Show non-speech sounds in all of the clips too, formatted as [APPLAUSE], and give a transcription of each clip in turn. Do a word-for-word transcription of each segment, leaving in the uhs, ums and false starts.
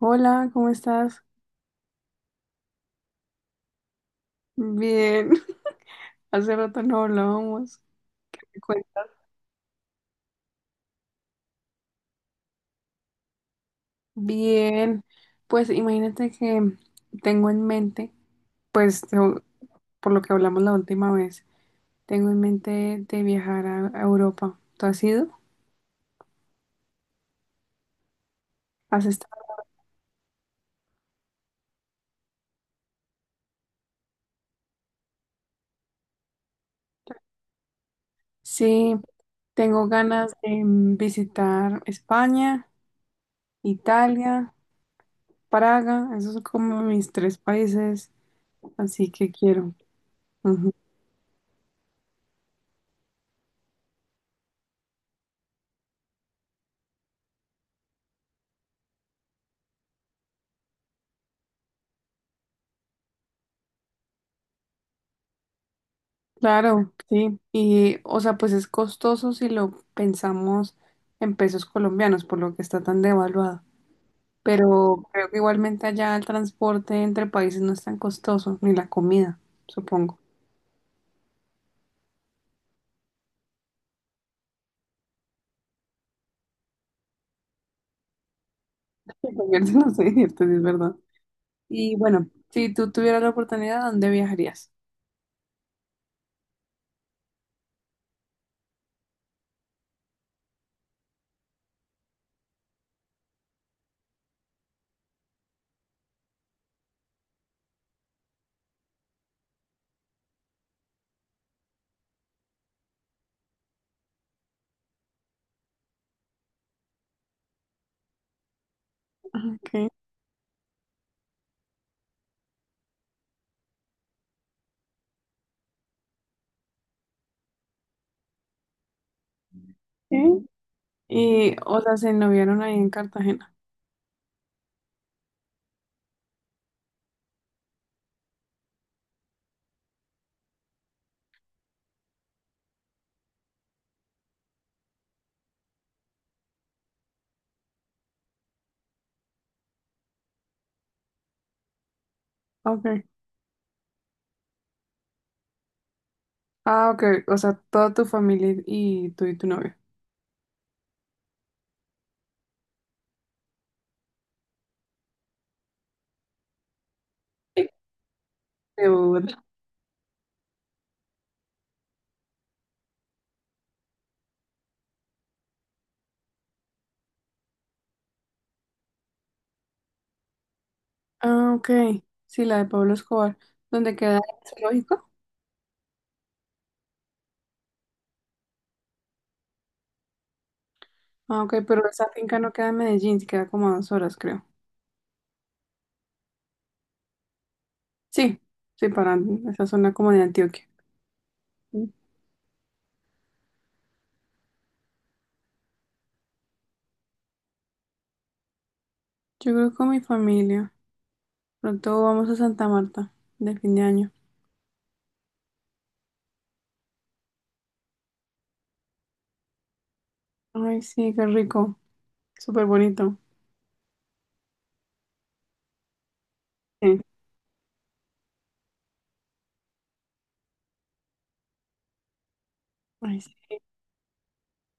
Hola, ¿cómo estás? Bien, [LAUGHS] hace rato no hablábamos. ¿Qué cuentas? Bien, pues imagínate que tengo en mente, pues te- por lo que hablamos la última vez, tengo en mente de viajar a, a Europa. ¿Tú has ido? ¿Has estado? Sí, tengo ganas de mm, visitar España, Italia, Praga, esos son como mis tres países, así que quiero. Claro, sí. Y, o sea, pues es costoso si lo pensamos en pesos colombianos, por lo que está tan devaluado. Pero creo que igualmente allá el transporte entre países no es tan costoso, ni la comida, supongo. [LAUGHS] Sí, comer se nos divierte, sí, es verdad. Y bueno, si tú tuvieras la oportunidad, ¿a dónde viajarías? Okay. Sí. Y, o sea, se noviaron ahí en Cartagena. Okay. Ah, ok. O sea, toda tu familia y y tú y tu novio. Sí. De Bogotá. Ah, ok. Sí, la de Pablo Escobar. ¿Dónde queda ujú, el zoológico? Ah, ok, pero esa finca no queda en Medellín, sí queda como a dos horas, creo. Sí, sí, para esa zona como de Antioquia. Mm. Yo creo que con mi familia. Pronto vamos a Santa Marta, de fin de año. Ay, sí, qué rico. Súper bonito. Sí. Ay, sí.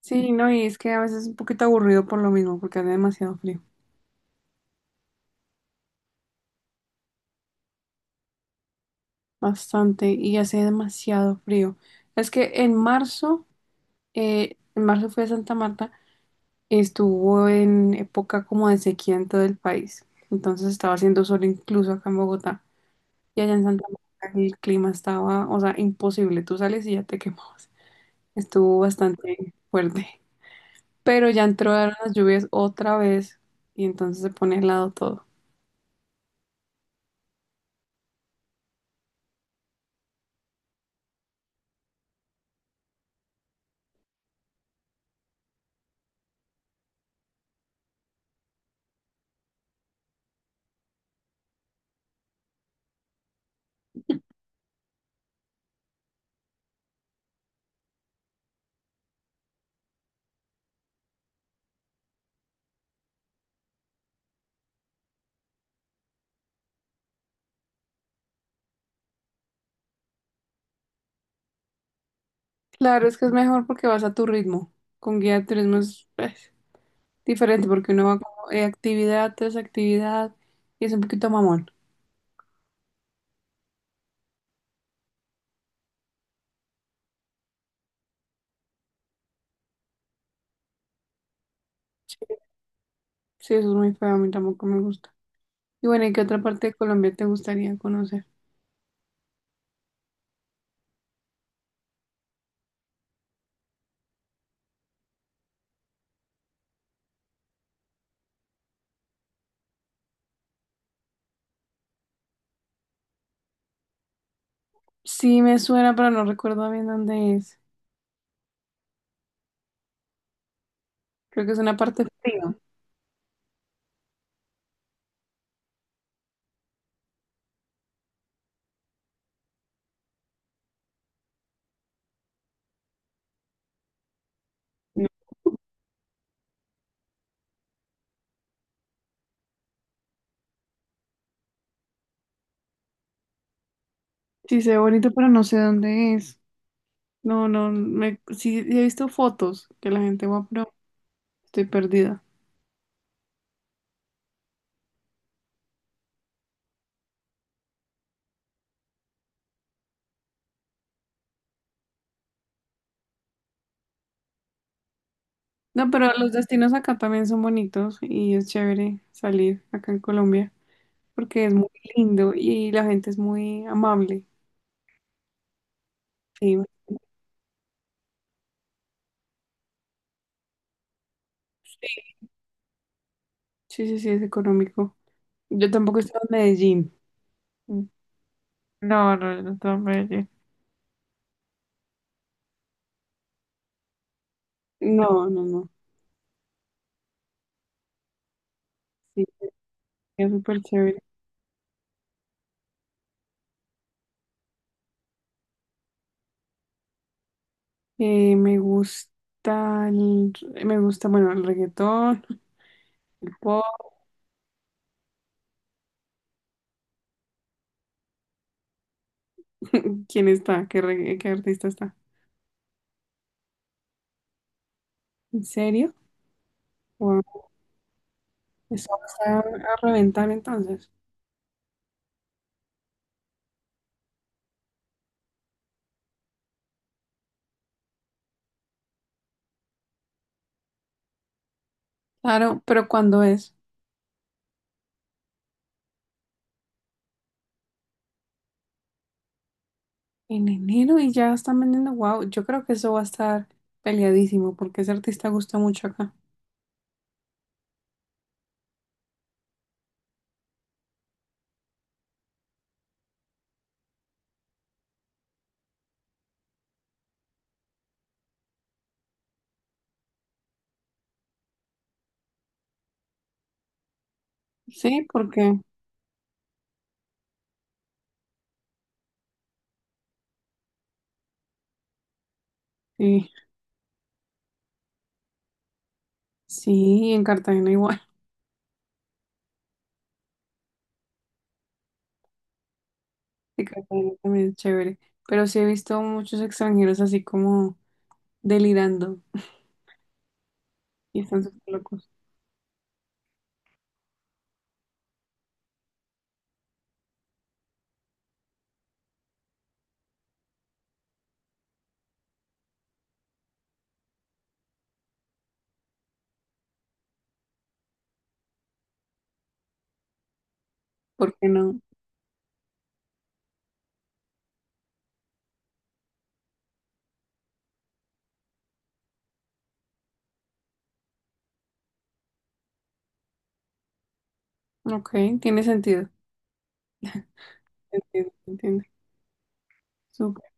Sí, no, y es que a veces es un poquito aburrido por lo mismo, porque hace demasiado frío. Bastante, y hace demasiado frío. Es que en marzo, eh, en marzo fui a Santa Marta. Estuvo en época como de sequía en todo el país. Entonces estaba haciendo sol incluso acá en Bogotá. Y allá en Santa Marta el clima estaba, o sea, imposible. Tú sales y ya te quemabas. Estuvo bastante fuerte. Pero ya entraron las lluvias otra vez y entonces se pone helado todo. Claro, es que es mejor porque vas a tu ritmo. Con guía de turismo es pues, diferente porque uno va como eh, actividad tras actividad y es un poquito mamón. Sí, sí, eso es muy feo, a mí tampoco me gusta. Y bueno, ¿y qué otra parte de Colombia te gustaría conocer? Sí me suena, pero no recuerdo bien dónde es. Creo que es una parte fría. No. Sí, se ve bonito, pero no sé dónde es. No, no, me, sí he visto fotos que la gente va, pero estoy perdida. No, pero los destinos acá también son bonitos y es chévere salir acá en Colombia porque es muy lindo y la gente es muy amable. Sí, sí, sí, sí, es económico. Yo tampoco he estado en Medellín. No, no, no, estaba en Medellín. No, no, no. Sí. Es súper chévere. Eh, me gusta, el- me gusta, bueno, el reggaetón, el pop. ¿Quién está? ¿Qué, regga- qué artista está? ¿En serio? Wow. Eso va a estar a reventar entonces. Claro, pero ¿cuándo es? En enero y ya están vendiendo. Wow, yo creo que eso va a estar peleadísimo porque ese artista gusta mucho acá. Sí, porque sí, sí, en Cartagena igual. [LAUGHS] En Cartagena también es chévere. Pero sí he visto muchos extranjeros así como delirando y están súper locos. ¿Por qué no? Ok, tiene sentido. Entiendo, entiendo. Súper.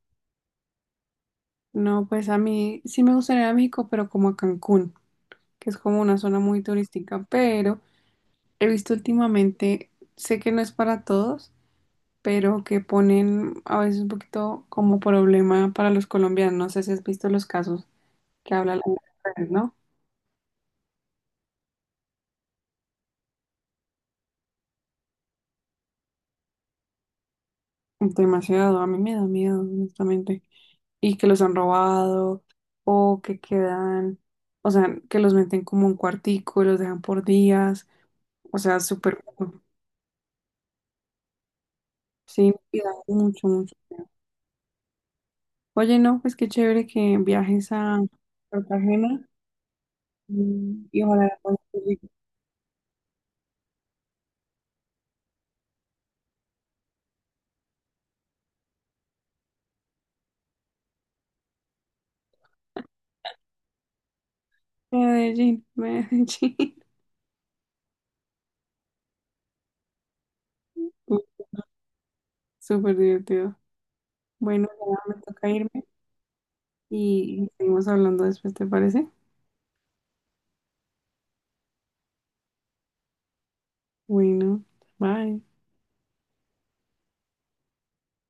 No, pues a mí sí me gustaría ir a México, pero como a Cancún, que es como una zona muy turística, pero he visto últimamente, sé que no es para todos, pero que ponen a veces un poquito como problema para los colombianos. No sé si has visto los casos que hablan las redes, ¿no? Demasiado, a mí me da miedo, honestamente. Y que los han robado, o que quedan, o sea, que los meten como un cuartico y los dejan por días, o sea, súper, sí, me da mucho, mucho miedo. Oye, no, pues qué chévere que viajes a Cartagena mm, y ojalá la pases rico. Medellín, Medellín, [LAUGHS] Uy, súper divertido. Bueno, ya me toca irme y seguimos hablando después, ¿te parece? Bueno, bye.